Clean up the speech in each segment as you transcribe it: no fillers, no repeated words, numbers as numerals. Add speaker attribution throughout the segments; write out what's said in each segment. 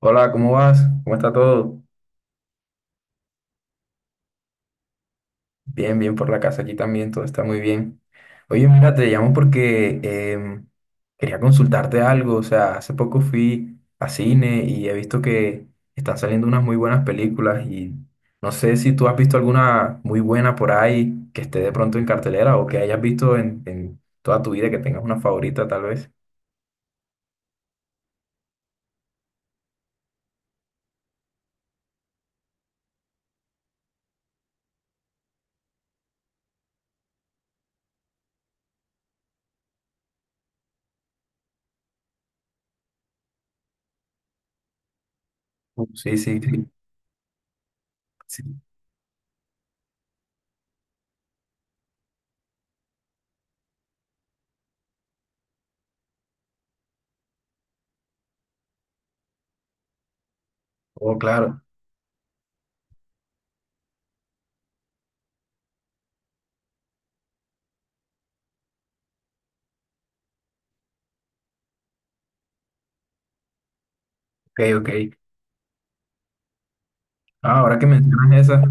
Speaker 1: Hola, ¿cómo vas? ¿Cómo está todo? Bien, bien por la casa, aquí también todo está muy bien. Oye, mira, te llamo porque quería consultarte algo, o sea, hace poco fui a cine y he visto que están saliendo unas muy buenas películas y no sé si tú has visto alguna muy buena por ahí que esté de pronto en cartelera o que hayas visto en toda tu vida, que tengas una favorita tal vez. Sí, sí, sí, sí. Oh, claro. Ok, ok. Ah, ahora que mencionas esa.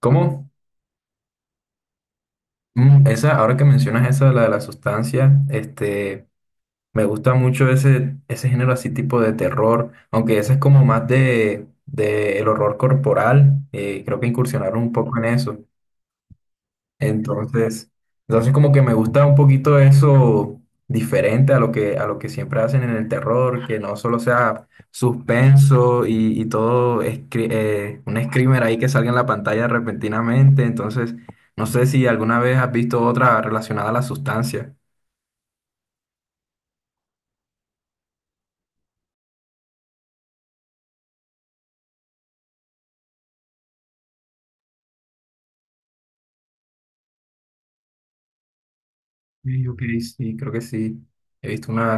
Speaker 1: ¿Cómo? Mm, esa, ahora que mencionas esa, la de la sustancia, me gusta mucho ese género así tipo de terror, aunque ese es como más de el horror corporal, creo que incursionaron un poco en eso. Entonces, entonces, como que me gusta un poquito eso diferente a lo que siempre hacen en el terror, que no solo sea suspenso y todo un screamer ahí que salga en la pantalla repentinamente. Entonces, no sé si alguna vez has visto otra relacionada a la sustancia. Sí, ok, sí, creo que sí. He visto una.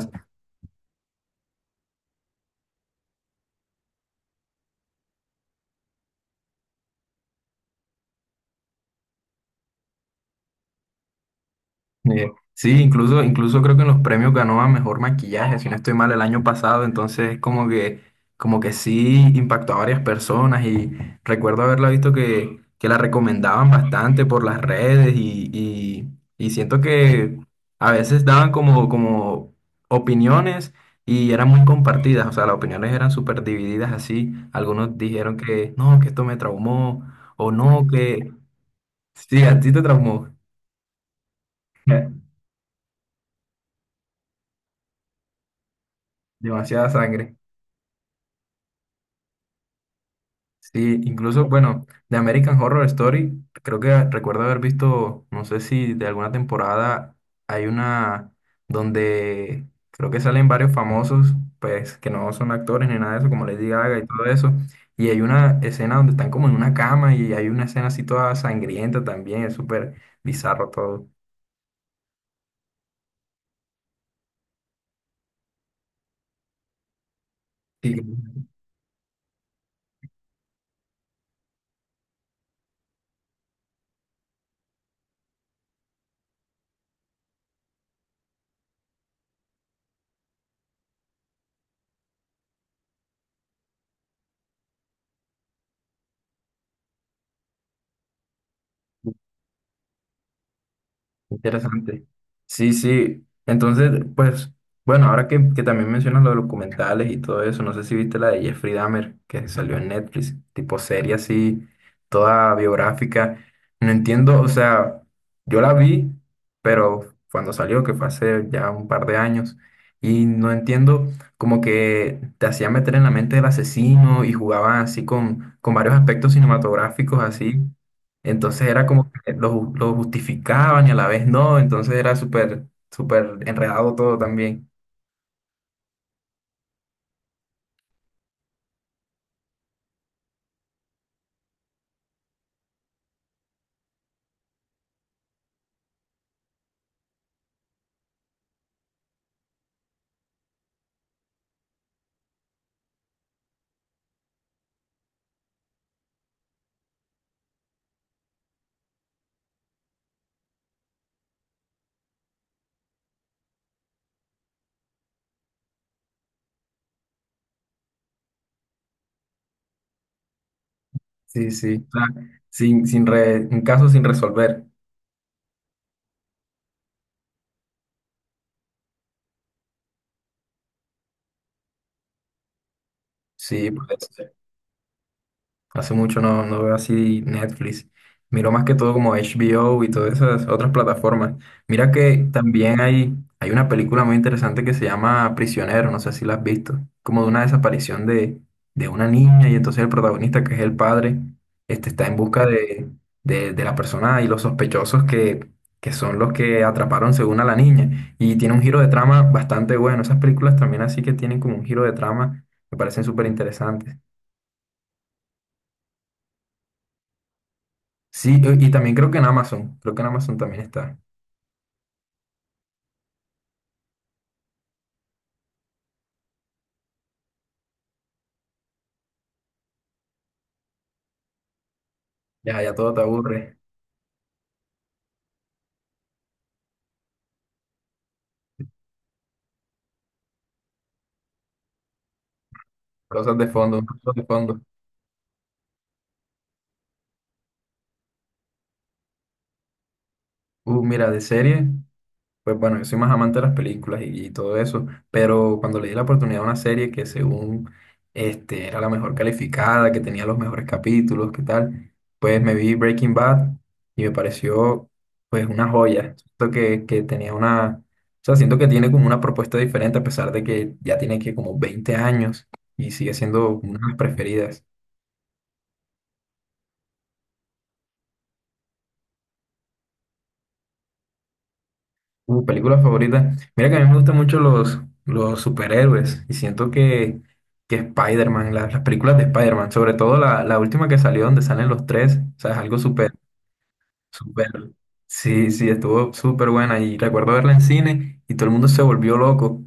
Speaker 1: Sí, incluso creo que en los premios ganó a mejor maquillaje, si no estoy mal, el año pasado, entonces como que sí impactó a varias personas y recuerdo haberla visto que la recomendaban bastante por las redes y y siento que a veces daban como opiniones y eran muy compartidas, o sea, las opiniones eran súper divididas así, algunos dijeron que no, que esto me traumó o no, que sí, a ti te traumó, demasiada sangre. Sí, incluso, bueno, de American Horror Story, creo que recuerdo haber visto, no sé si de alguna temporada hay una donde creo que salen varios famosos, pues que no son actores ni nada de eso, como Lady Gaga y todo eso. Y hay una escena donde están como en una cama y hay una escena así toda sangrienta también, es súper bizarro todo. Sí. Interesante. Sí, sí. Entonces, pues, bueno, ahora que también mencionas los documentales y todo eso, no sé si viste la de Jeffrey Dahmer, que salió en Netflix, tipo serie así, toda biográfica. No entiendo, o sea, yo la vi, pero cuando salió, que fue hace ya un par de años, y no entiendo, como que te hacía meter en la mente del asesino y jugaban así con varios aspectos cinematográficos, así entonces era como que lo justificaban y a la vez no, entonces era súper enredado todo también. Sí, sí, o sea, sin, sin re- un caso sin resolver. Sí, pues. Hace mucho no veo así Netflix. Miro más que todo como HBO y todas esas otras plataformas. Mira que también hay una película muy interesante que se llama Prisionero, no sé si la has visto. Como de una desaparición de una niña y entonces el protagonista, que es el padre, está en busca de la persona y los sospechosos que son los que atraparon según a la niña. Y tiene un giro de trama bastante bueno. Esas películas también así que tienen como un giro de trama, me parecen súper interesantes. Sí, y también creo que en Amazon, creo que en Amazon también está. Ya, ya todo te aburre. Cosas de fondo, cosas de fondo. Mira, de serie, pues bueno, yo soy más amante de las películas y todo eso, pero cuando le di la oportunidad a una serie que según era la mejor calificada, que tenía los mejores capítulos, qué tal, pues me vi Breaking Bad y me pareció pues una joya. Siento que tenía una, o sea, siento que tiene como una propuesta diferente a pesar de que ya tiene que como 20 años y sigue siendo una de las preferidas. Película favorita. Mira que a mí me gustan mucho los superhéroes y siento que Spider-Man, las películas de Spider-Man, sobre todo la última que salió donde salen los tres, o sea, es algo súper, sí, sí, estuvo súper buena y recuerdo verla en cine y todo el mundo se volvió loco.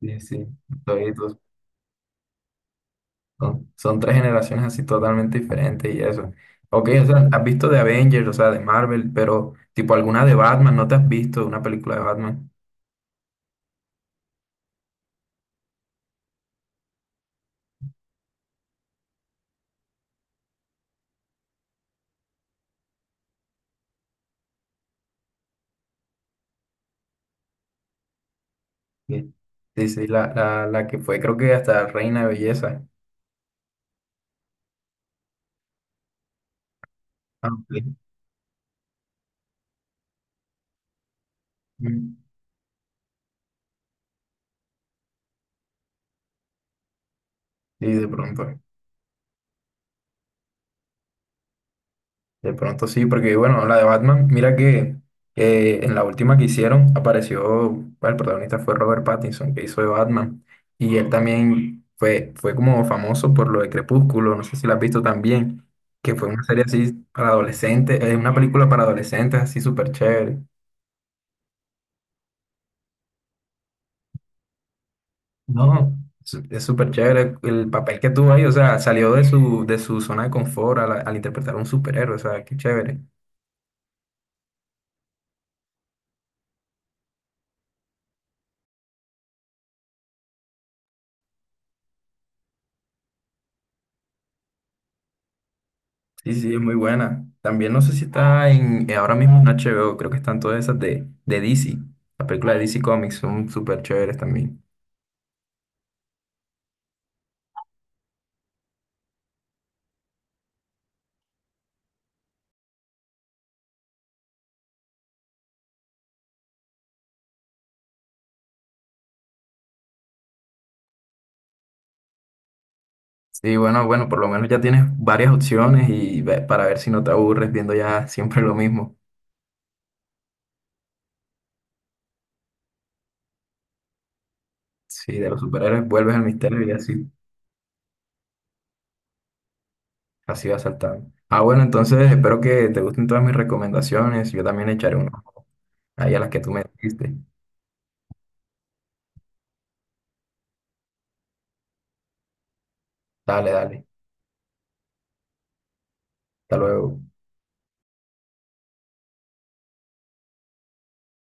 Speaker 1: Sí, sí, estoy- to- son, son tres generaciones así totalmente diferentes y eso. Ok, o sea, has visto de Avengers, o sea, de Marvel, pero tipo alguna de Batman, ¿no te has visto una película de Batman? Bien. Sí, sí, la que fue creo que hasta reina de belleza. Ah, sí. Mm. Sí, de pronto. De pronto sí, porque bueno, la de Batman, mira que en la última que hicieron apareció, bueno, el protagonista fue Robert Pattinson, que hizo de Batman. Y él también fue como famoso por lo de Crepúsculo, no sé si la has visto también, que fue una serie así para adolescentes, una película para adolescentes así súper chévere. No, es súper chévere el papel que tuvo ahí, o sea, salió de su zona de confort al interpretar a un superhéroe, o sea, qué chévere. Sí, sí, es muy buena. También no sé si está en, ahora mismo en HBO creo que están todas esas de DC, la película de DC Comics, son súper chéveres también. Sí, bueno, por lo menos ya tienes varias opciones y para ver si no te aburres viendo ya siempre lo mismo. Sí, de los superhéroes vuelves al misterio y así, así vas saltando. Ah, bueno, entonces espero que te gusten todas mis recomendaciones, yo también le echaré uno ahí a las que tú me dijiste. Dale, dale. Hasta luego.